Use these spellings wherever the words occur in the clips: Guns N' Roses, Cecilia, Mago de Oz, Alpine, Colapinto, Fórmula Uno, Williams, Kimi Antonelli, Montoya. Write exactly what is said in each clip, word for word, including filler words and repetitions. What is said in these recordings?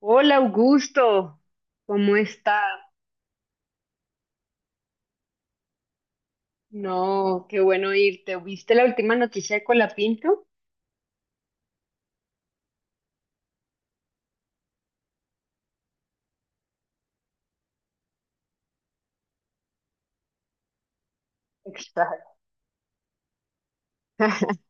Hola Augusto, ¿cómo está? No, qué bueno irte. ¿Viste la última noticia de Colapinto? Exacto.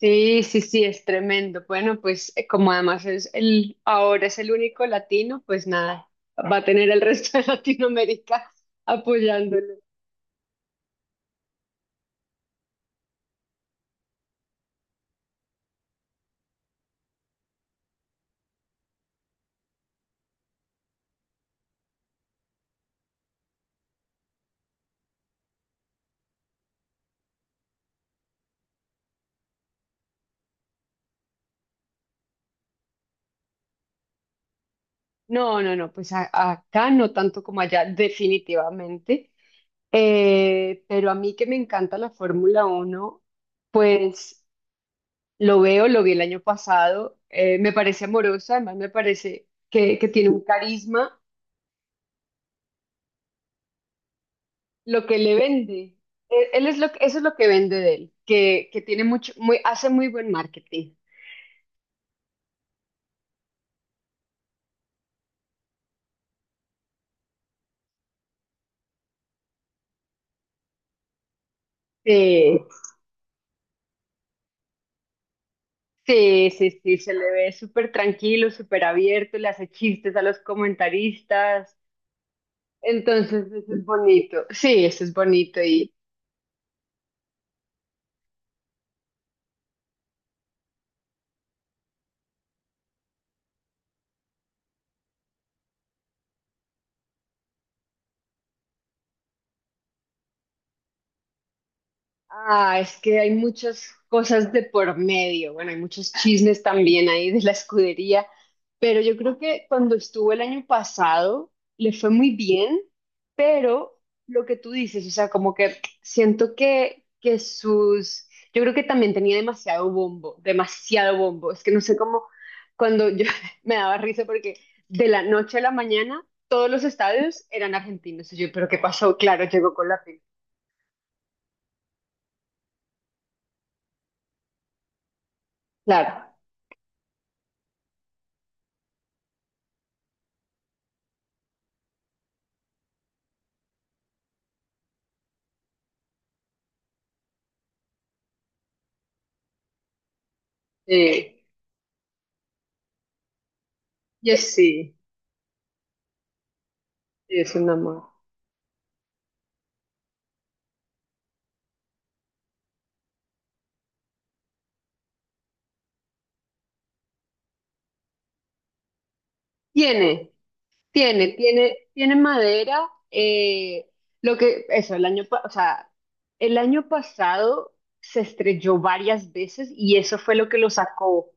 Sí, sí, sí, es tremendo. Bueno, pues eh, como además es el, ahora es el único latino, pues nada, va a tener el resto de Latinoamérica apoyándolo. No, no, no, pues a- acá no tanto como allá, definitivamente. Eh, pero a mí que me encanta la Fórmula Uno, pues. Lo veo, lo vi el año pasado, eh, me parece amoroso, además me parece que, que tiene un carisma, lo que le vende, eh, él es lo, que- eso es lo que vende de él, que, que tiene mucho, muy, hace muy buen marketing. Sí, sí, sí, sí, se le ve súper tranquilo, súper abierto, le hace chistes a los comentaristas, entonces eso es bonito, sí, eso es bonito. Ah, es que hay muchas cosas de por medio. Bueno, hay muchos chismes también ahí de la escudería, pero yo creo que cuando estuvo el año pasado le fue muy bien, pero lo que tú dices, o sea, como que siento que, que sus... Yo creo que también tenía demasiado bombo, demasiado bombo. Es que no sé cómo, cuando yo me daba risa porque de la noche a la mañana todos los estadios eran argentinos. Y yo, pero ¿qué pasó? Claro, llegó con la... fin. Claro. Sí. Yes, sí, sí, es una más. Tiene, tiene, tiene, tiene madera. Eh, lo que, eso, el año, pa- o sea, El año pasado se estrelló varias veces y eso fue lo que lo sacó.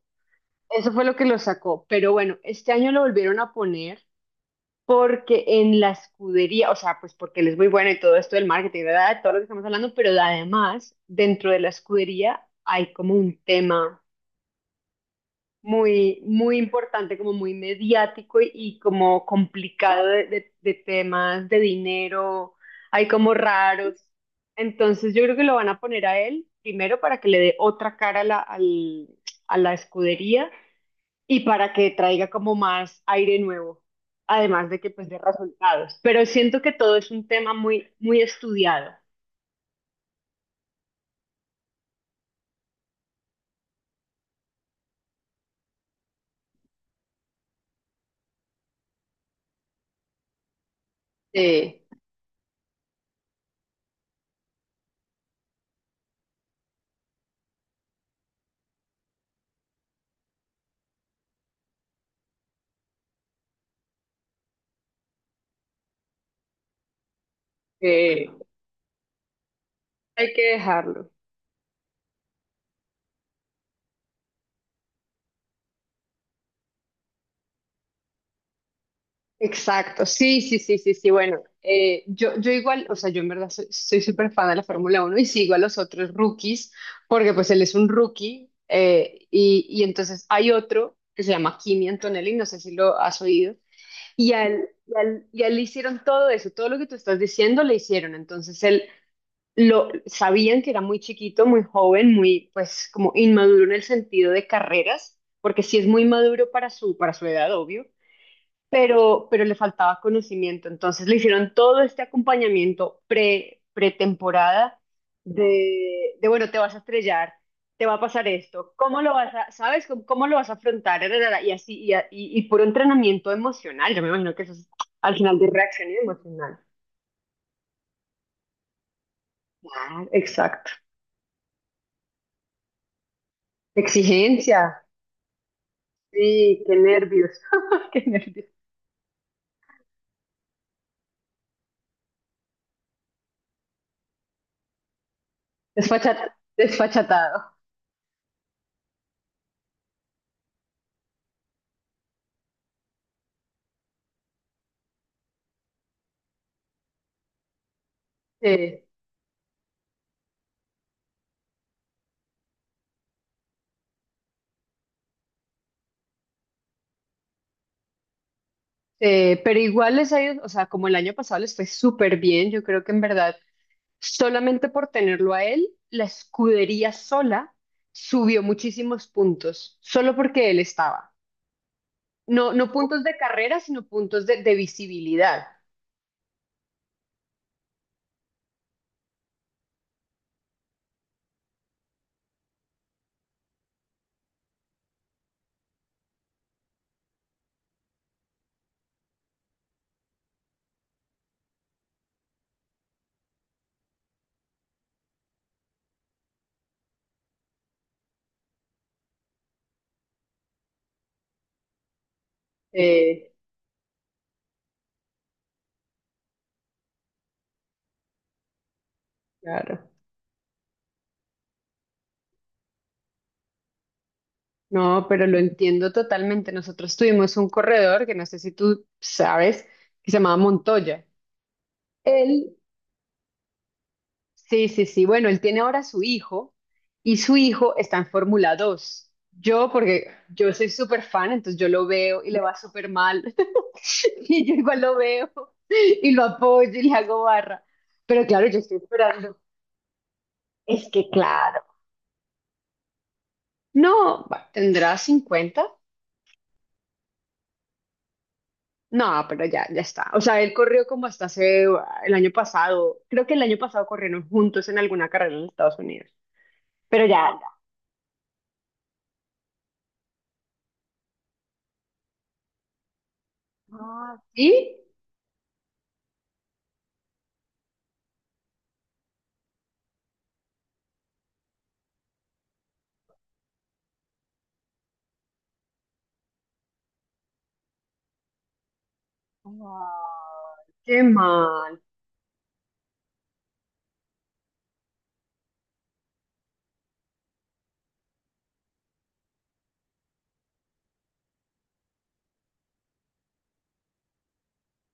Eso fue lo que lo sacó. Pero bueno, este año lo volvieron a poner porque en la escudería, o sea, pues porque él es muy bueno y todo esto del marketing, ¿verdad? Todo lo que estamos hablando, pero además, dentro de la escudería hay como un tema muy, muy importante, como muy mediático y, y como complicado de, de- de temas de dinero, hay como raros. Entonces yo creo que lo van a poner a él primero para que le dé otra cara a la, al- a la escudería y para que traiga como más aire nuevo, además de que pues dé resultados. Pero siento que todo es un tema muy, muy estudiado. Sí, sí, hay que dejarlo. Exacto, sí, sí, sí, sí, sí. Bueno, eh, yo, yo igual, o sea, yo en verdad soy soy súper fan de la Fórmula Uno y sigo a los otros rookies, porque pues él es un rookie, eh, y, y entonces hay otro que se llama Kimi Antonelli, no sé si lo has oído, y a él, y a él- y a él le hicieron todo eso, todo lo que tú estás diciendo le hicieron, entonces él lo sabían que era muy chiquito, muy joven, muy pues como inmaduro en el sentido de carreras, porque sí es muy maduro para su, para su edad, obvio, pero, pero le faltaba conocimiento. Entonces le hicieron todo este acompañamiento pre, pretemporada de, de, bueno, te vas a estrellar, te va a pasar esto, ¿cómo lo vas a, sabes, cómo, cómo lo vas a afrontar? Ra, ra, ra, y así, y, a- y, y puro entrenamiento emocional, yo me imagino que eso es al final de reacción emocional. Ah, exacto. Exigencia. Sí, qué nervios. Qué nervios. Desfachat- desfachatado. Sí. Eh, pero igual les ha ido, o sea, como el año pasado les fue súper bien, yo creo que en verdad, solamente por tenerlo a él, la escudería sola subió muchísimos puntos, solo porque él estaba. No, no puntos de carrera, sino puntos de, de visibilidad. Eh, claro. No, pero lo entiendo totalmente. Nosotros tuvimos un corredor, que no sé si tú sabes, que se llamaba Montoya. Él... Sí, sí, sí. Bueno, él tiene ahora su hijo y su hijo está en Fórmula dos. Yo, porque yo soy súper fan, entonces yo lo veo y le va súper mal. Y yo igual lo veo y lo apoyo y le hago barra. Pero claro, yo estoy esperando. Es que claro. No, va, ¿tendrá cincuenta? No, pero ya, ya está. O sea, él corrió como hasta hace uh, el año pasado. Creo que el año pasado corrieron juntos en alguna carrera en Estados Unidos. Pero ya, ya. Ah, ¿sí? Ay, qué mal.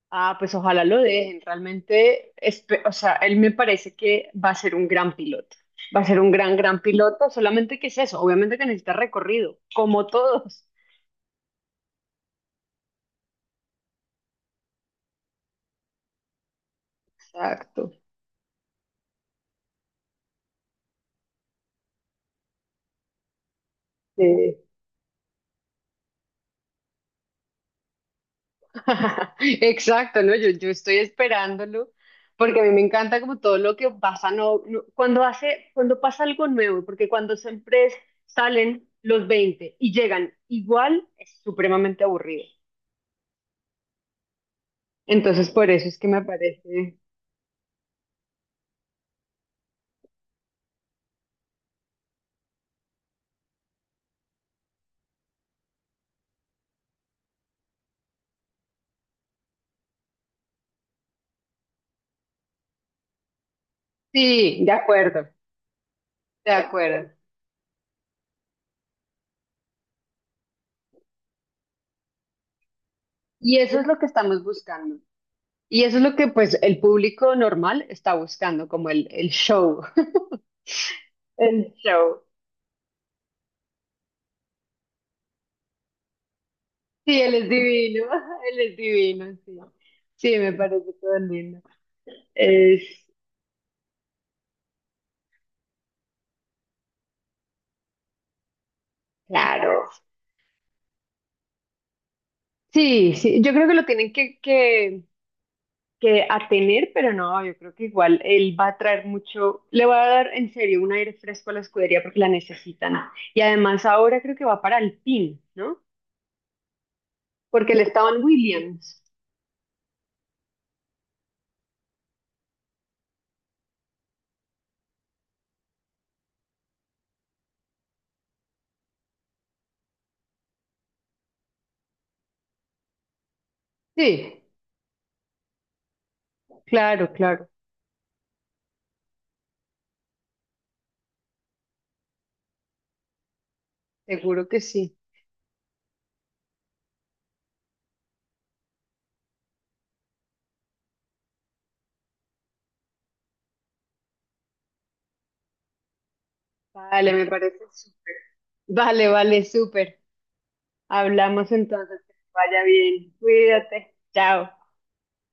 Ah, pues ojalá lo dejen. Realmente, espe- o sea, él me parece que va a ser un gran piloto. Va a ser un gran, gran piloto. Solamente que es eso. Obviamente que necesita recorrido, como todos. Exacto. Sí. Exacto, ¿no? Yo, yo estoy esperándolo porque a mí me encanta como todo lo que pasa, no, no- cuando hace, cuando pasa algo nuevo, porque cuando siempre es- salen los veinte y llegan igual, es supremamente aburrido. Entonces, por eso es que me parece. Sí, de acuerdo, de acuerdo. Y eso es lo que estamos buscando. Y eso es lo que, pues, el público normal está buscando, como el, el show. El show. Sí, él es divino, él es divino, sí. Sí, me parece todo lindo. Es, claro. Sí, sí, yo creo que lo tienen que, que que a tener, pero no, yo creo que igual él va a traer mucho, le va a dar en serio un aire fresco a la escudería porque la necesitan. Y además ahora creo que va para Alpine, ¿no? Porque le estaban Williams. Sí, claro, claro, seguro que sí. Vale, me parece súper. Vale, vale, súper. Hablamos entonces, que te vaya bien, cuídate, chao.